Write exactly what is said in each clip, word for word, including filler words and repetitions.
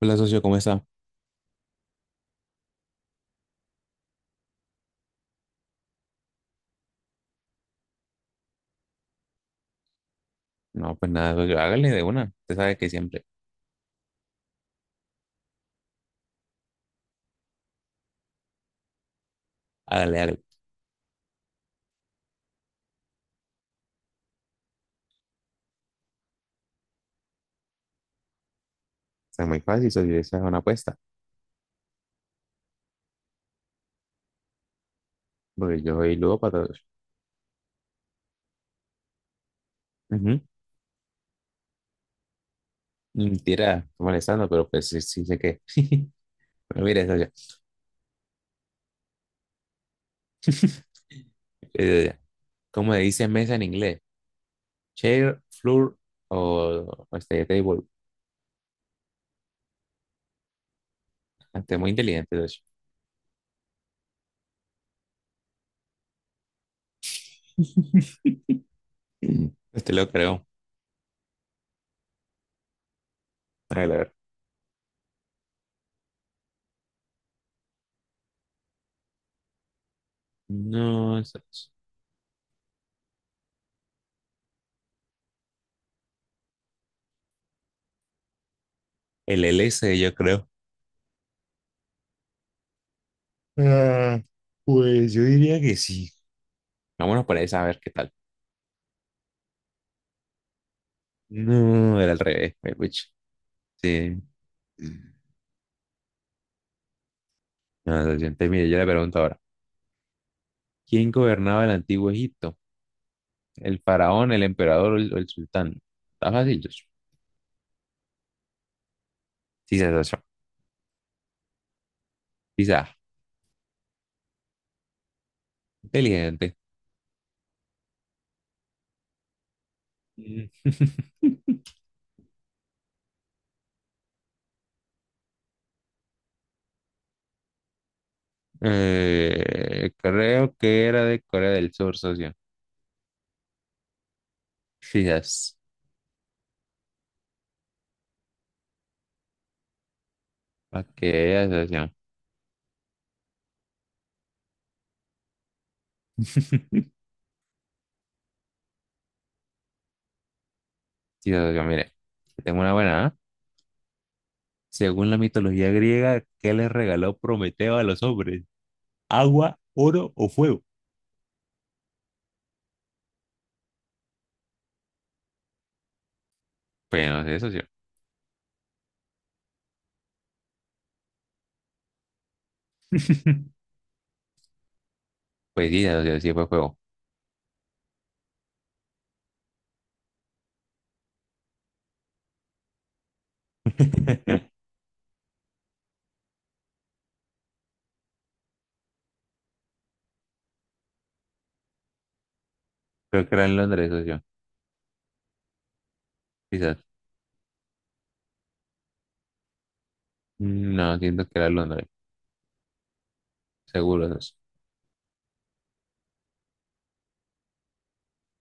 Hola, socio, ¿cómo está? No, pues nada, socio, hágale de una. Usted sabe que siempre, hágale, hágale. O muy fácil, socio, esa es una apuesta. Porque yo soy ludópata, socio. Ujú. Mentira, estoy molestando, pero pues sí, sí sé que. Pero mire, socio, eh, ¿cómo le dice mesa en inglés? Chair, floor o, o este table. Ah, usted es muy inteligente, socio. Usted lo creo. Hágale, a ver. No, socio. El L S yo creo. Ah, pues yo diría que sí. Vámonos por esa, a ver qué tal. No, era al revés, güey, pucha. Sí. No, se siente, mire, yo le pregunto ahora, ¿quién gobernaba el antiguo Egipto? ¿El faraón, el emperador o el, o el sultán? Está fácil, yo. Sí, se asoció. Quizá. Inteligente. Mm. Eh, creo que era de Corea del Sur, socio. Quizás. Pa' que veas, socio. Sí, socio, mire. Tengo una buena, ¿ah? Según la mitología griega, ¿qué les regaló Prometeo a los hombres? ¿Agua, oro o fuego? Pues no sé, socio. Pues sí, socio, sí fue juego. Creo que era en Londres, socio. Quizás. Mm, no, siento que era en Londres. Seguro, socio.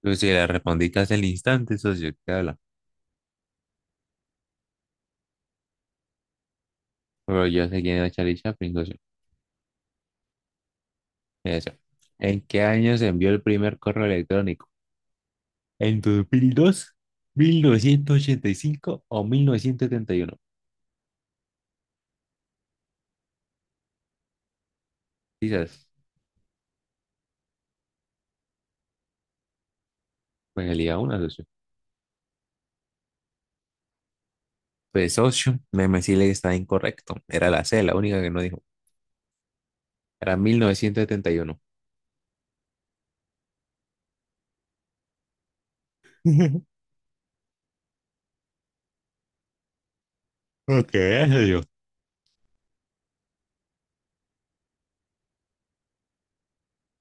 Yo sí le respondí casi al instante, socio. ¿Qué habla? Pero yo sé quién era Charlie Chaplin, socio. Mira, socio. ¿En qué año se envió el primer correo electrónico? ¿En dos dos mil dos, mil novecientos ochenta y cinco o mil novecientos setenta y uno? Quizás. Pues elija una, socio. Pues, socio, me me sí le está incorrecto. Era la C, la única que no dijo. Era mil novecientos setenta y uno. Qué, ok, yo.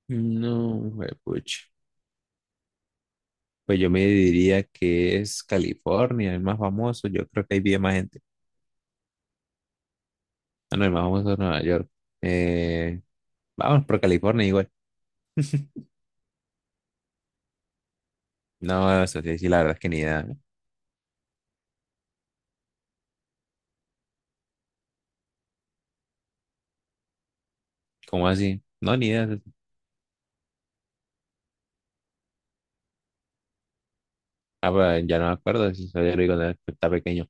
No, pucha. Pues yo me diría que es California, el más famoso. Yo creo que ahí vive más gente. Ah, no, el más famoso es Nueva York. Eh, Vamos por California igual. No, eso sí, sí, la verdad es que ni idea. ¿Cómo así? No, ni idea. Ah, pues, ya no me acuerdo si eso ya lo digo cuando estaba pequeño.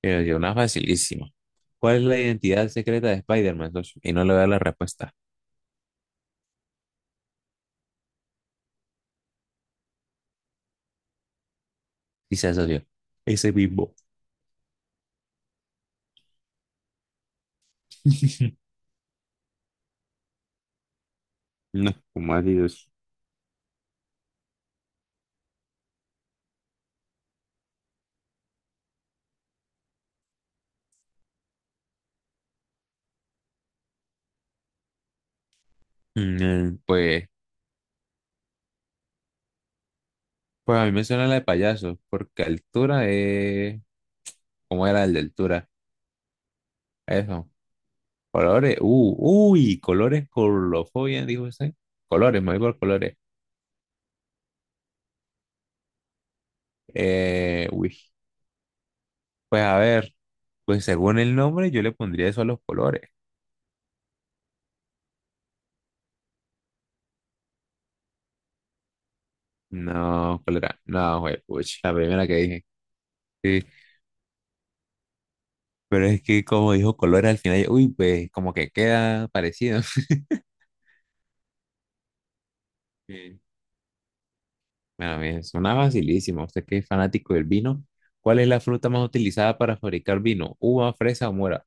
Pero yo, una facilísima. ¿Cuál es la identidad secreta de Spider-Man, socio? Y no le voy a dar la respuesta. Dice socio. Ese Bimbo. No, ¿cómo así, socio? Mm, pues. Pues a mí me suena la de payaso, porque altura es... ¿Cómo era el de altura? Eso. Colores. Uh, uy, colores, colofobia, dijo ese, colores, me voy por colores. Eh, uy, pues a ver, pues según el nombre yo le pondría eso a los colores. No, ¿cuál era? No, güey, puch, la primera que dije. Sí, pero es que como dijo colores al final, uy, pues como que queda parecido. Bueno, bien, suena facilísimo. Usted que es fanático del vino, ¿cuál es la fruta más utilizada para fabricar vino? ¿Uva, fresa o mora?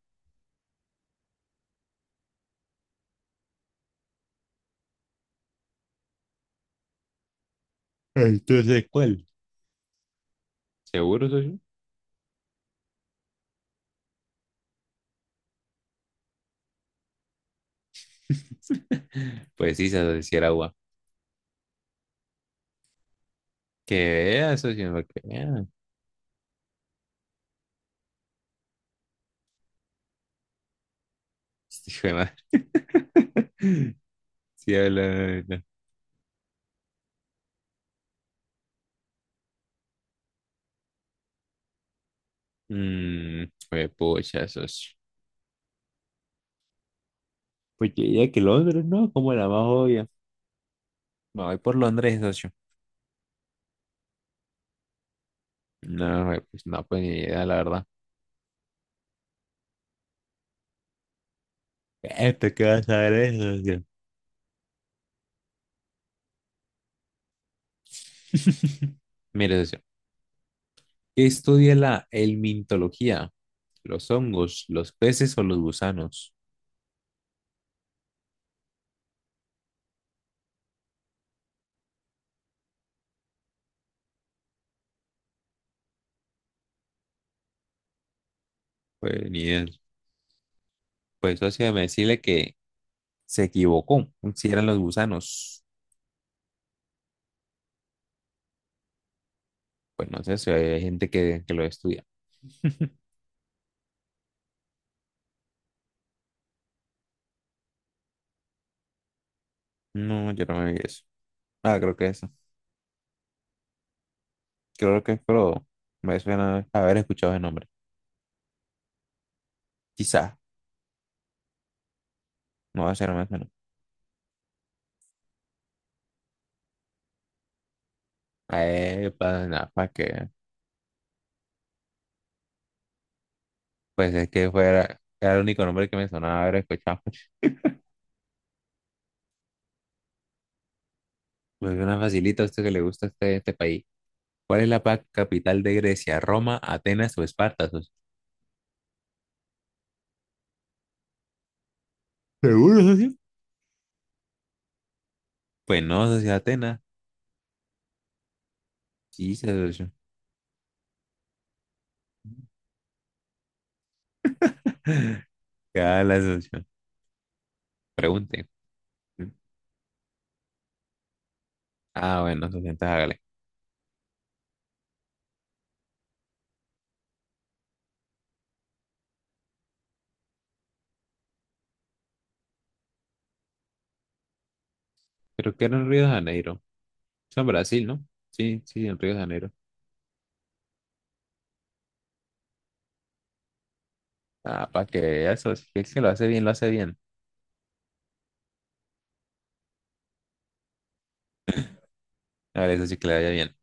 Entonces, ¿cuál? ¿Seguro, socio? Pues sí, se si era uva. Que vea, socio, para que vea. Hijo de madre. Sí, habla. habla. Mm, pues, pucha, socio. Pues yo diría que Londres, ¿no? Como la más obvia. Me voy por Londres, socio. No, güey, pues no, pues ni idea, la verdad. ¿Esto ¿qué vas a ver eso, tío? Mire, socio, ¿qué estudia la helmintología? ¿Los hongos, los peces o los gusanos? Pues ni idea. Pues socio, me decirle que se equivocó. Si eran los gusanos. Pues no sé si hay gente que, que lo estudia. No, yo no me vi eso. Ah, creo que eso. Creo que pero Me suena haber escuchado ese nombre. Quizá. No va a ser más o menos. Eh, para nada, para que. Pues es que fuera. Era el único nombre que me sonaba haber escuchado. Pues una facilita a usted que le gusta este, este país. ¿Cuál es la pa- capital de Grecia? ¿Roma, Atenas o Esparta, socio? ¿Seguro, socio? Pues no, socio, Atenas. Sí, socio. Ya la socio. Pregunte. Ah, bueno, socio, entonces hágale. Creo que era en Río de Janeiro. Eso en Brasil, ¿no? Sí, sí, en Río de Janeiro. Ah, para que eso, si es que lo hace bien, lo hace bien. Hágale, socio, que le vaya bien.